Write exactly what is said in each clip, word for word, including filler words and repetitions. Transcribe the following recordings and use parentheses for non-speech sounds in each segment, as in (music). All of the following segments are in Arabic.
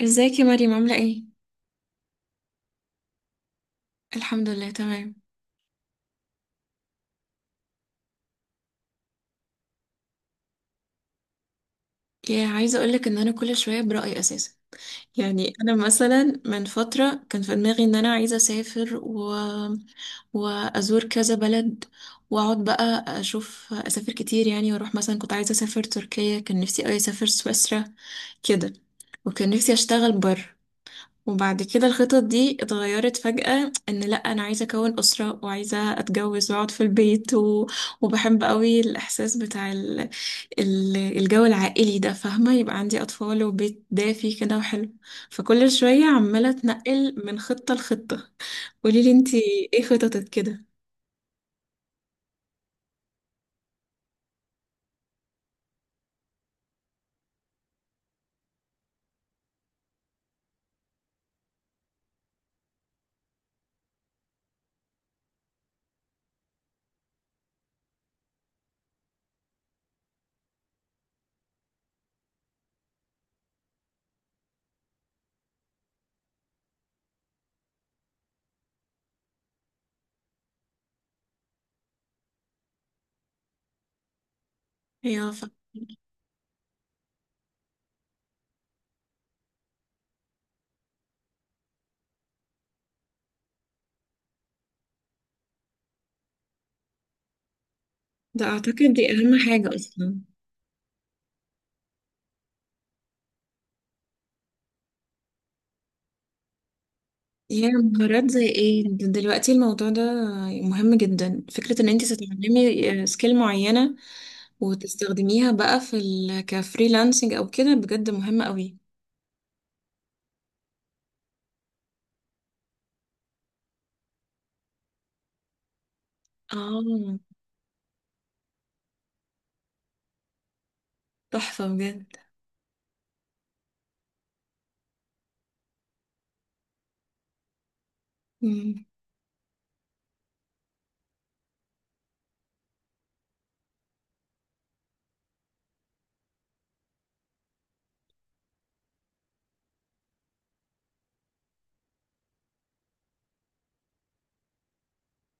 ازيك يا مريم، عاملة ايه؟ الحمد لله تمام. يا عايزة اقولك ان انا كل شوية برأيي اساسا. يعني انا مثلا من فترة كان في دماغي ان انا عايزة اسافر و... وازور كذا بلد، واقعد بقى اشوف اسافر كتير يعني، واروح مثلا كنت عايزة اسافر تركيا، كان نفسي اوي اسافر سويسرا كده. وكان نفسي اشتغل بره. وبعد كده الخطط دي اتغيرت فجأة، ان لا انا عايزة اكون اسرة وعايزة اتجوز واقعد في البيت، و... وبحب قوي الاحساس بتاع ال... ال- الجو العائلي ده، فاهمة، يبقى عندي أطفال وبيت دافي كده وحلو. فكل شوية عمالة أتنقل من خطة لخطة. قوليلي انتي ايه خططك كده. ايوه ف... ده أعتقد دي أهم حاجة أصلا. يا مهارات زي ايه، د- دلوقتي الموضوع ده مهم جدا، فكرة ان انتي تتعلمي سكيل معينة وتستخدميها بقى في ال... كفريلانسنج او كده بجد مهمة قوي. اه تحفة بجد.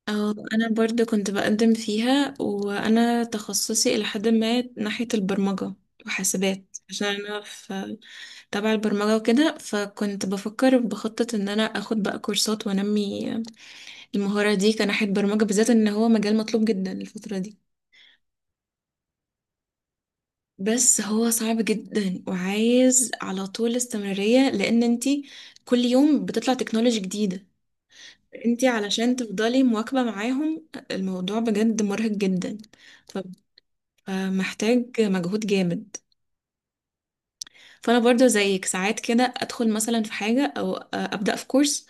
اه، انا برضو كنت بقدم فيها، وانا تخصصي الى حد ما ناحية البرمجة وحاسبات، عشان انا في تبع البرمجة وكده، فكنت بفكر بخطط ان انا اخد بقى كورسات وانمي المهارة دي كناحية برمجة بالذات، ان هو مجال مطلوب جدا الفترة دي. بس هو صعب جدا، وعايز على طول استمرارية، لان انتي كل يوم بتطلع تكنولوجي جديدة. انتي علشان تفضلي مواكبة معاهم، الموضوع بجد مرهق جدا. آه، محتاج مجهود جامد. فانا برضو زيك ساعات كده ادخل مثلا في حاجه، او آه، ابدا في كورس،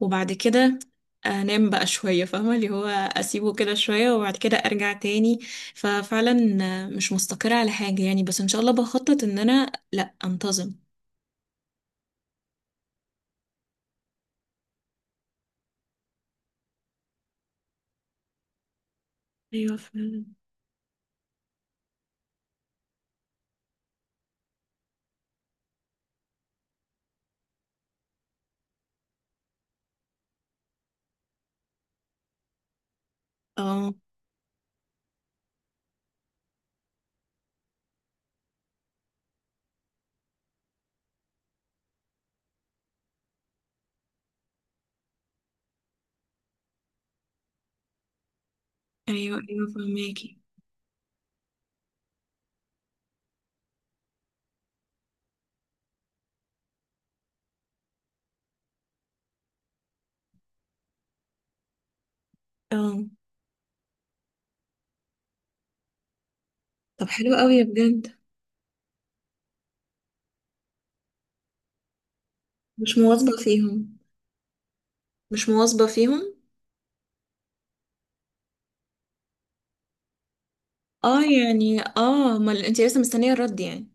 وبعد كده انام بقى شويه، فاهمه، اللي هو اسيبه كده شويه وبعد كده ارجع تاني، ففعلا آه، مش مستقره على حاجه يعني، بس ان شاء الله بخطط ان انا لا انتظم. ايوه فعلا. اه. ايوه ايوه، فهماكي. اه. طب حلو قوي، يا بجد. مش مواظبه فيهم. مش مواظبه فيهم. اه، يعني اه، ما انت لسه مستنيه الرد يعني.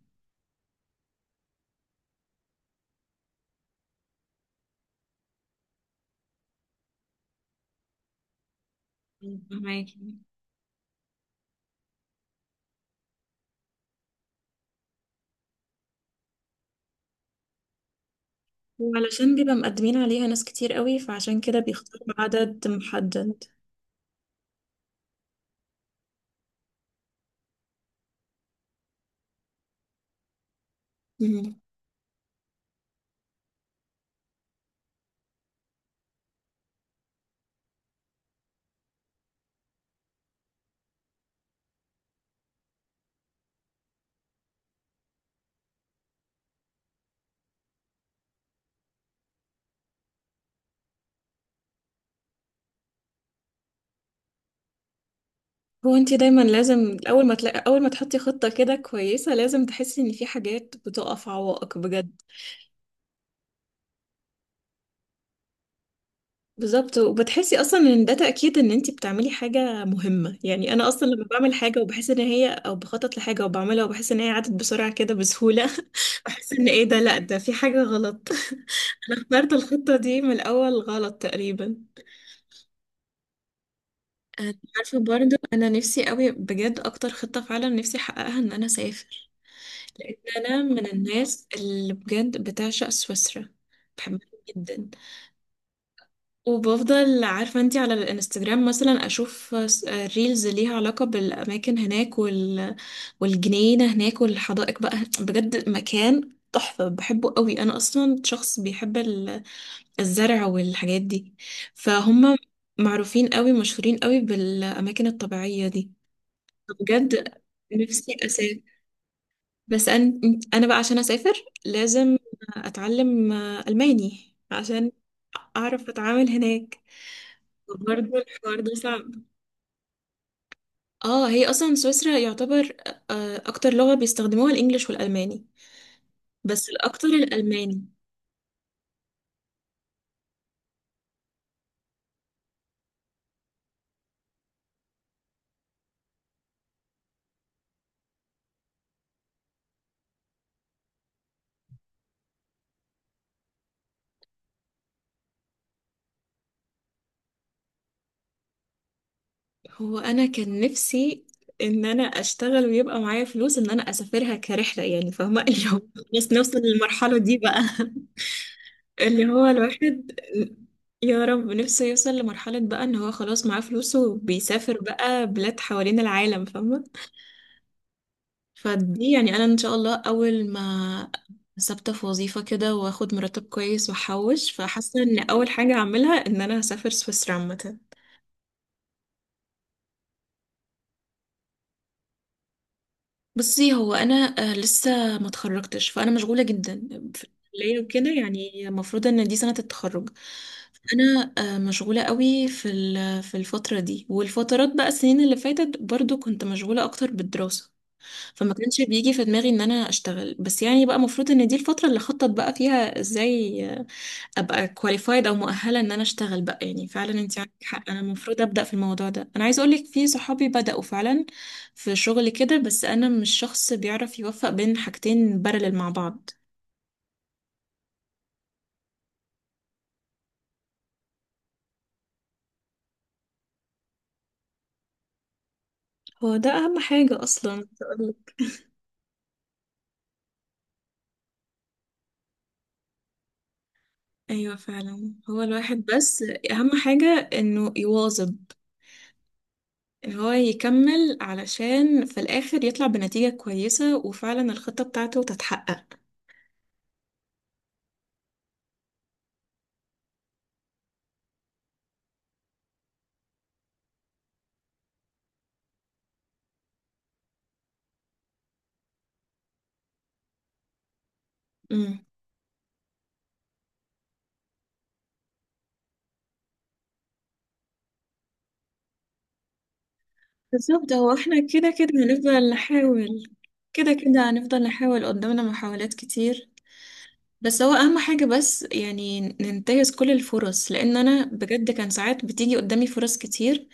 فهماكي. وعلشان بيبقى مقدمين عليها ناس كتير قوي، فعشان كده بيختاروا عدد محدد. مم. هو انت دايما لازم، اول ما تلاقي اول ما تحطي خطة كده كويسة، لازم تحسي ان في حاجات بتقف عوائق بجد. بالظبط، وبتحسي اصلا ان ده تأكيد ان انت بتعملي حاجة مهمة، يعني انا اصلا لما بعمل حاجة وبحس ان هي، او بخطط لحاجة وبعملها وبحس ان هي عدت بسرعة كده بسهولة (laughs) بحس ان ايه ده، لا ده في حاجة غلط (laughs) انا اخترت الخطة دي من الاول غلط تقريبا. آه، عارفة، برضو أنا نفسي قوي بجد، أكتر خطة فعلا نفسي أحققها إن أنا أسافر. لأن أنا من الناس اللي بجد بتعشق سويسرا، بحبها جدا. وبفضل، عارفة أنتي، على الانستجرام مثلا أشوف س- آه، ريلز ليها علاقة بالأماكن هناك وال... والجنينة هناك والحدائق، بقى بجد مكان تحفة بحبه قوي. أنا أصلا شخص بيحب ال- الزرع والحاجات دي، فهم معروفين قوي، مشهورين قوي بالأماكن الطبيعية دي. بجد نفسي أسافر. بس أنا أنا بقى عشان أسافر لازم أتعلم آه، ألماني عشان أعرف أتعامل هناك. برضه الحوار ده صعب. اه، هي أصلا سويسرا يعتبر آه، أكتر لغة بيستخدموها الإنجليش والألماني، بس الأكتر الألماني. هو أنا كان نفسي إن أنا أشتغل ويبقى معايا فلوس إن أنا أسافرها كرحلة يعني، فاهمة، (laughs) اليوم بس نوصل للمرحلة دي بقى، اللي هو الواحد يا رب نفسه يوصل لمرحلة بقى ان هو خلاص معاه فلوسه وبيسافر بقى بلاد حوالين العالم، فاهمة. فدي يعني انا ان شاء الله اول ما ثابتة في وظيفة كده واخد مرتب كويس واحوش، فحاسة ان اول حاجة اعملها ان انا هسافر سويسرا عامة. بصي، هو انا آه، لسه ما اتخرجتش، فانا مشغوله جدا في الكليه وكده، يعني المفروض ان دي سنه التخرج. انا آه، مشغوله قوي في ال- في الفتره دي، والفترات بقى السنين اللي فاتت برضو كنت مشغوله اكتر بالدراسه. فما كانش بيجي في دماغي ان انا اشتغل، بس يعني بقى المفروض ان دي الفتره اللي خطط بقى فيها ازاي آه، ابقى كواليفايد او مؤهله ان انا اشتغل بقى. يعني فعلا انت عندك حق، انا المفروض ابدا في الموضوع ده، انا عايزه اقولك في صحابي بداوا فعلا في شغل كده، بس انا مش شخص بيعرف يوفق بين حاجتين بارلل مع بعض. هو ده اهم حاجه اصلا عايزة أقولك. ايوه فعلا، هو الواحد بس اهم حاجه انه يواظب، ان هو يكمل علشان في الاخر يطلع بنتيجه كويسه وفعلا الخطه بتاعته تتحقق. بالظبط، هو احنا كده كده هنفضل نحاول، كده كده هنفضل نحاول، قدامنا محاولات كتير. بس هو اهم حاجة، بس يعني ننتهز كل الفرص، لان انا بجد كان ساعات بتيجي قدامي فرص كتير،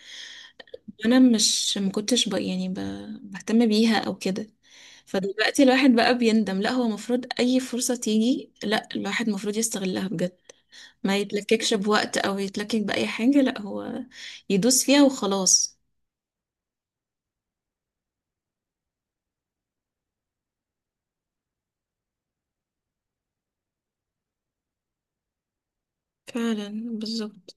وانا مش مكنتش ب... يعني ب... بهتم بيها او كده. فدلوقتي الواحد بقى بيندم، لا هو المفروض اي فرصة تيجي، لا الواحد المفروض يستغلها بجد، ما يتلككش بوقت او يتلكك بأي حاجة، لا هو يدوس فيها وخلاص. فعلا، بالظبط.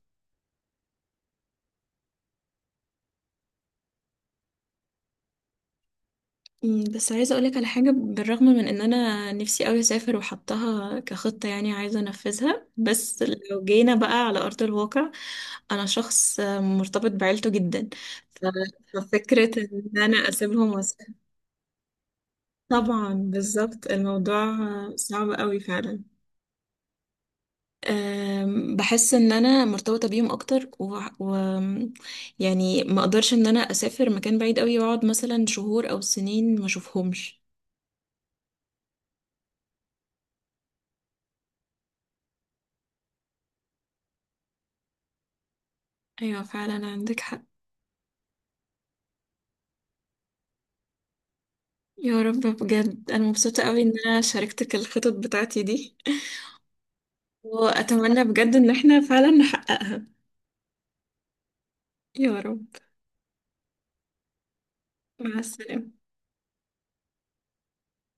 مم، بس عايزة أقولك على حاجة، بالرغم من إن أنا نفسي أوي أسافر وحطها كخطة يعني عايزة أنفذها، بس لو جينا بقى على أرض الواقع أنا شخص مرتبط بعيلته جدا، ف- (laughs) ففكرة إن أنا أسيبهم وأسافر، طبعا بالظبط الموضوع صعب أوي فعلا. أم، بحس ان انا مرتبطه بيهم اكتر و... و... يعني ما اقدرش ان انا اسافر مكان بعيد قوي واقعد مثلا شهور او سنين ما اشوفهمش. ايوه فعلا، عندك حق. يا رب، بجد انا مبسوطة قوي ان انا شاركتك الخطط بتاعتي دي، واتمنى بجد ان احنا فعلا نحققها. يا رب. مع السلامة.